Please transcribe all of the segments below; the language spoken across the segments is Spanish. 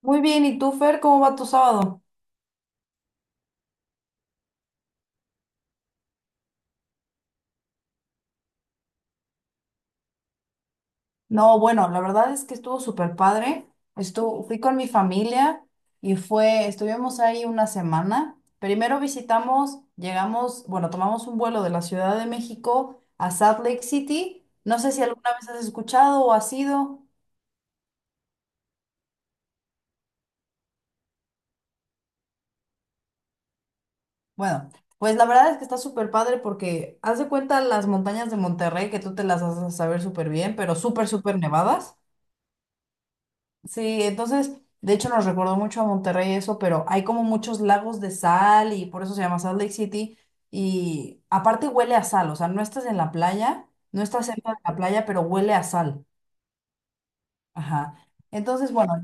Muy bien, ¿y tú, Fer, cómo va tu sábado? No, bueno, la verdad es que estuvo súper padre. Estuvo, fui con mi familia y fue, estuvimos ahí una semana. Primero visitamos, llegamos, bueno, tomamos un vuelo de la Ciudad de México a Salt Lake City. No sé si alguna vez has escuchado o has ido. Bueno, pues la verdad es que está súper padre porque haz de cuenta las montañas de Monterrey, que tú te las haces saber súper bien, pero súper nevadas. Sí, entonces, de hecho nos recordó mucho a Monterrey eso, pero hay como muchos lagos de sal y por eso se llama Salt Lake City. Y aparte huele a sal, o sea, no estás en la playa, no estás cerca de la playa, pero huele a sal. Ajá. Entonces, bueno,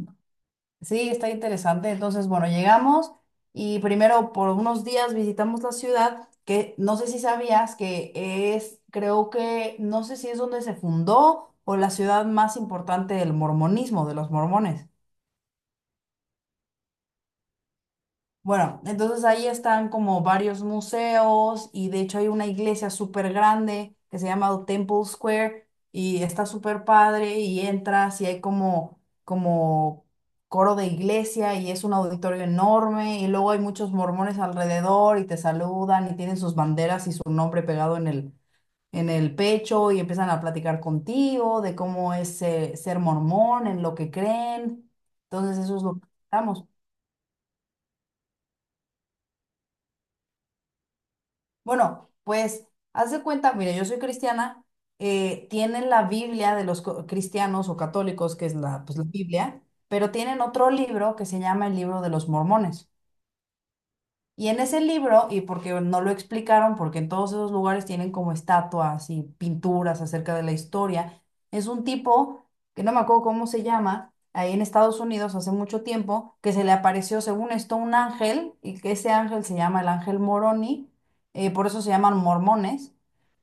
sí, está interesante. Entonces, bueno, llegamos y primero por unos días visitamos la ciudad, que no sé si sabías que es, creo que, no sé si es donde se fundó o la ciudad más importante del mormonismo, de los mormones. Bueno, entonces ahí están como varios museos y de hecho hay una iglesia súper grande que se llama Temple Square y está súper padre y entras y hay como coro de iglesia y es un auditorio enorme y luego hay muchos mormones alrededor y te saludan y tienen sus banderas y su nombre pegado en en el pecho y empiezan a platicar contigo de cómo es ser mormón, en lo que creen. Entonces eso es lo que estamos. Bueno, pues haz de cuenta, mire, yo soy cristiana, tienen la Biblia de los co- cristianos o católicos, que es la, pues, la Biblia, pero tienen otro libro que se llama el libro de los mormones. Y en ese libro, y porque no lo explicaron, porque en todos esos lugares tienen como estatuas y pinturas acerca de la historia, es un tipo, que no me acuerdo cómo se llama, ahí en Estados Unidos hace mucho tiempo, que se le apareció, según esto, un ángel, y que ese ángel se llama el ángel Moroni, por eso se llaman mormones.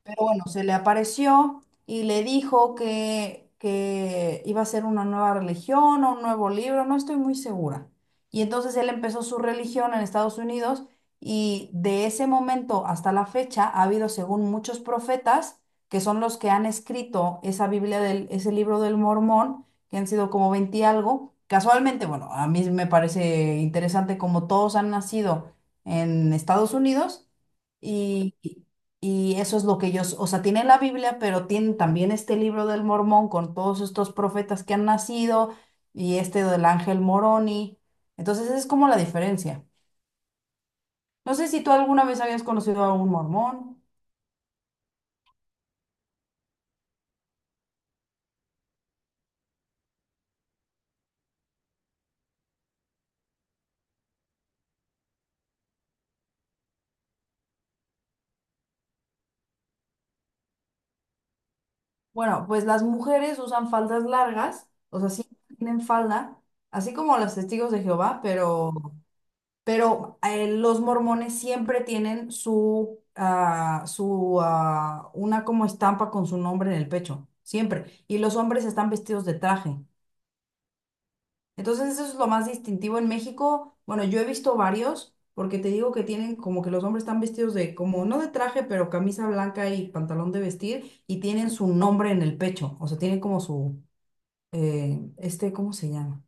Pero bueno, se le apareció y le dijo que iba a ser una nueva religión o un nuevo libro, no estoy muy segura. Y entonces él empezó su religión en Estados Unidos y de ese momento hasta la fecha ha habido, según muchos profetas, que son los que han escrito esa Biblia del, ese libro del Mormón, que han sido como 20 y algo. Casualmente, bueno, a mí me parece interesante como todos han nacido en Estados Unidos y y eso es lo que ellos, o sea, tienen la Biblia, pero tienen también este libro del Mormón con todos estos profetas que han nacido y este del Ángel Moroni. Entonces, esa es como la diferencia. No sé si tú alguna vez habías conocido a algún mormón. Bueno, pues las mujeres usan faldas largas, o sea, sí tienen falda, así como los testigos de Jehová, pero los mormones siempre tienen su una como estampa con su nombre en el pecho, siempre. Y los hombres están vestidos de traje. Entonces eso es lo más distintivo en México. Bueno, yo he visto varios, porque te digo que tienen como que los hombres están vestidos de como, no de traje, pero camisa blanca y pantalón de vestir, y tienen su nombre en el pecho, o sea, tienen como su, ¿cómo se llama?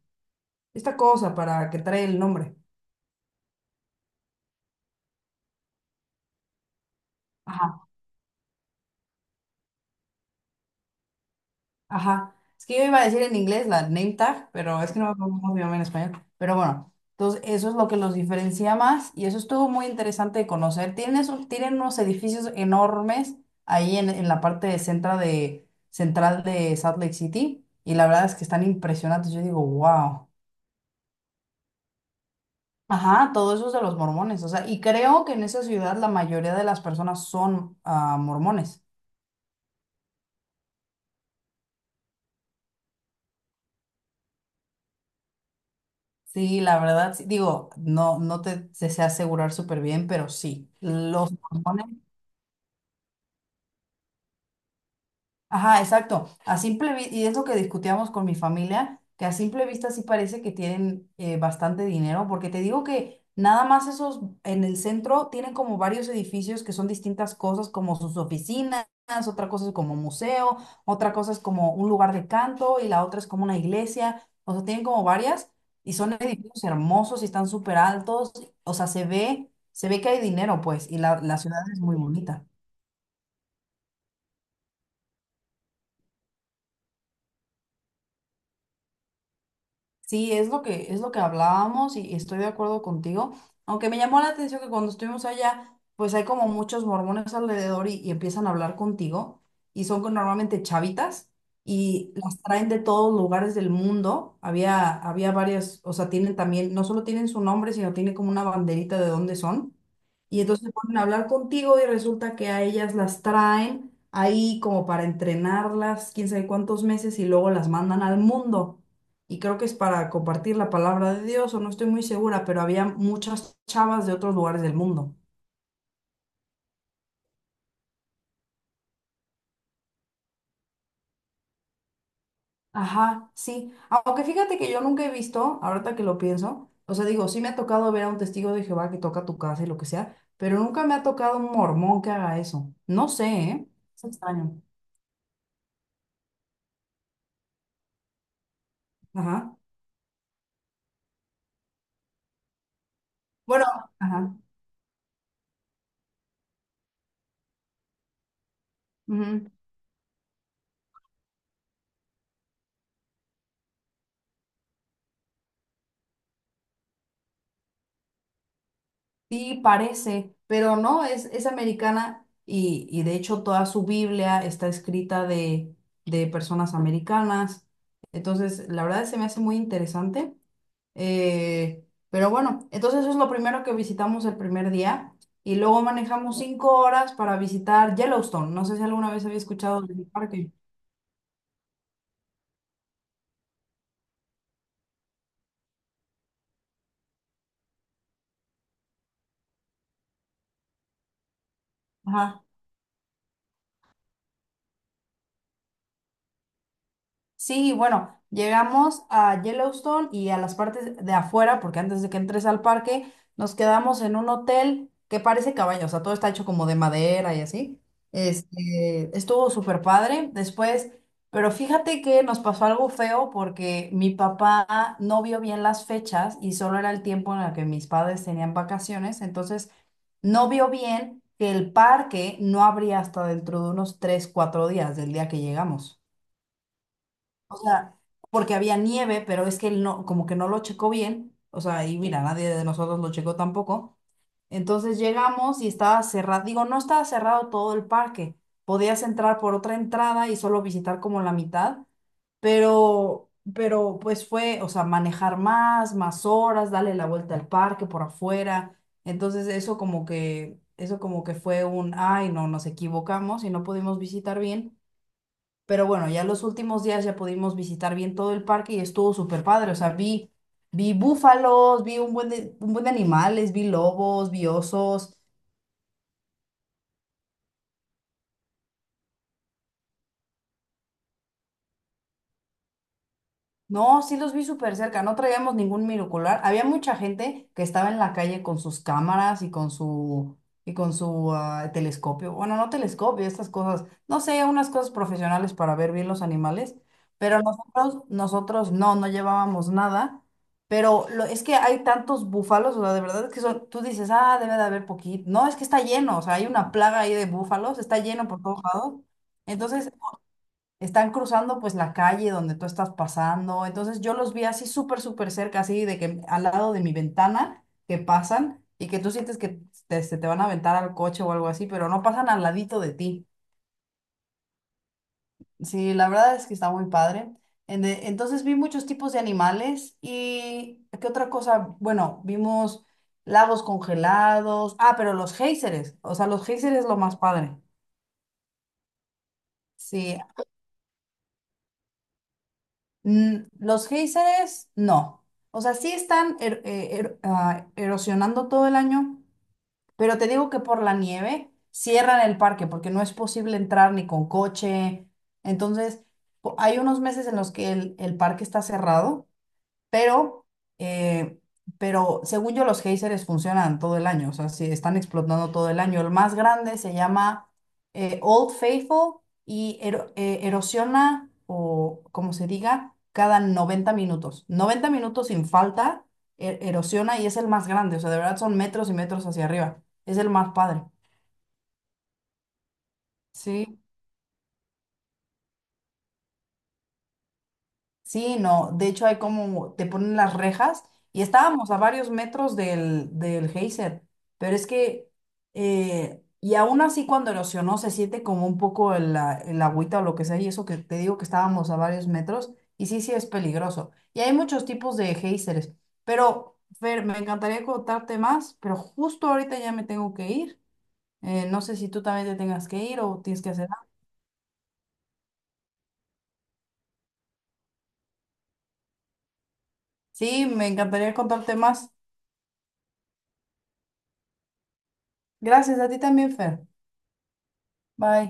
Esta cosa para que trae el nombre. Ajá. Es que yo iba a decir en inglés la name tag, pero es que no me acuerdo cómo se llama en español. Pero bueno, entonces eso es lo que los diferencia más y eso estuvo muy interesante de conocer. Tienen, esos- tienen unos edificios enormes ahí en la parte de centra de, central de Salt Lake City y la verdad es que están impresionantes. Yo digo, wow. Ajá, todo eso es de los mormones. O sea, y creo que en esa ciudad la mayoría de las personas son mormones. Sí, la verdad, sí. Digo, no, no te, te sé asegurar súper bien, pero sí. Los mormones ajá, exacto. A simple vista, y es lo que discutíamos con mi familia, que a simple vista sí parece que tienen bastante dinero, porque te digo que nada más esos en el centro tienen como varios edificios que son distintas cosas, como sus oficinas, otra cosa es como museo, otra cosa es como un lugar de canto y la otra es como una iglesia. O sea, tienen como varias y son edificios hermosos y están súper altos. O sea, se ve que hay dinero, pues, y la ciudad es muy bonita. Sí, es lo que hablábamos y estoy de acuerdo contigo. Aunque me llamó la atención que cuando estuvimos allá, pues hay como muchos mormones alrededor y empiezan a hablar contigo y son con- normalmente chavitas y las traen de todos lugares del mundo. Había, había varias, o sea, tienen también, no solo tienen su nombre, sino tienen como una banderita de dónde son. Y entonces se ponen a hablar contigo y resulta que a ellas las traen ahí como para entrenarlas, quién sabe cuántos meses y luego las mandan al mundo y creo que es para compartir la palabra de Dios, o no estoy muy segura, pero había muchas chavas de otros lugares del mundo. Ajá, sí. Aunque fíjate que yo nunca he visto, ahorita que lo pienso, o sea, digo, sí me ha tocado ver a un testigo de Jehová que toca tu casa y lo que sea, pero nunca me ha tocado un mormón que haga eso. No sé, ¿eh? Es extraño. Ajá. Bueno, ajá. Ujú. Sí, parece, pero no, es americana y de hecho toda su Biblia está escrita de personas americanas. Entonces, la verdad se me hace muy interesante. Pero bueno, entonces eso es lo primero que visitamos el primer día y luego manejamos 5 horas para visitar Yellowstone. No sé si alguna vez había escuchado del parque. Ajá. Sí, bueno, llegamos a Yellowstone y a las partes de afuera, porque antes de que entres al parque, nos quedamos en un hotel que parece cabaña, o sea, todo está hecho como de madera y así. Este, estuvo súper padre después, pero fíjate que nos pasó algo feo porque mi papá no vio bien las fechas y solo era el tiempo en el que mis padres tenían vacaciones, entonces no vio bien que el parque no abría hasta dentro de unos 3, 4 días del día que llegamos. O sea, porque había nieve, pero es que él no, como que no lo checó bien. O sea, y mira, nadie de nosotros lo checó tampoco. Entonces llegamos y estaba cerrado. Digo, no estaba cerrado todo el parque. Podías entrar por otra entrada y solo visitar como la mitad. Pero pues fue, o sea, manejar más, más horas, darle la vuelta al parque por afuera. Entonces eso como que fue un, ay, no, nos equivocamos y no pudimos visitar bien. Pero bueno, ya los últimos días ya pudimos visitar bien todo el parque y estuvo súper padre. O sea, vi, vi búfalos, vi un buen de animales, vi lobos, vi osos. No, sí los vi súper cerca, no traíamos ningún minocular. Había mucha gente que estaba en la calle con sus cámaras y con su telescopio. Bueno, no telescopio, estas cosas, no sé, unas cosas profesionales para ver bien los animales, pero nosotros no llevábamos nada, pero lo, es que hay tantos búfalos, o sea, de verdad es que son, tú dices, "Ah, debe de haber poquito." No, es que está lleno, o sea, hay una plaga ahí de búfalos, está lleno por todos lados. Entonces, están cruzando pues la calle donde tú estás pasando. Entonces yo los vi así súper cerca, así de que al lado de mi ventana que pasan y que tú sientes que te, se te van a aventar al coche o algo así, pero no pasan al ladito de ti. Sí, la verdad es que está muy padre. En de- Entonces vi muchos tipos de animales y ¿qué otra cosa? Bueno, vimos lagos congelados. Ah, pero los géiseres. O sea, los géiseres es lo más padre. Sí. Mm, los géiseres, no. O sea, sí están er- er- erosionando todo el año, pero te digo que por la nieve cierran el parque porque no es posible entrar ni con coche. Entonces, po- hay unos meses en los que el parque está cerrado pero, eh, pero según yo, los géiseres funcionan todo el año, o sea, sí, están explotando todo el año. El más grande se llama Old Faithful y ero- erosiona, o como se diga, cada 90 minutos. 90 minutos sin falta, e- erosiona y es el más grande, o sea, de verdad son metros y metros hacia arriba. Es el más padre. Sí. Sí, no, de hecho hay como, te ponen las rejas y estábamos a varios metros del, del geyser, pero es que, y aún así cuando erosionó se siente como un poco el, a- el agüita o lo que sea, y eso que te digo que estábamos a varios metros, y sí, sí es peligroso. Y hay muchos tipos de géiseres, pero Fer, me encantaría contarte más, pero justo ahorita ya me tengo que ir. No sé si tú también te tengas que ir o tienes que hacer algo. Sí, me encantaría contarte más. Gracias a ti también, Fer. Bye.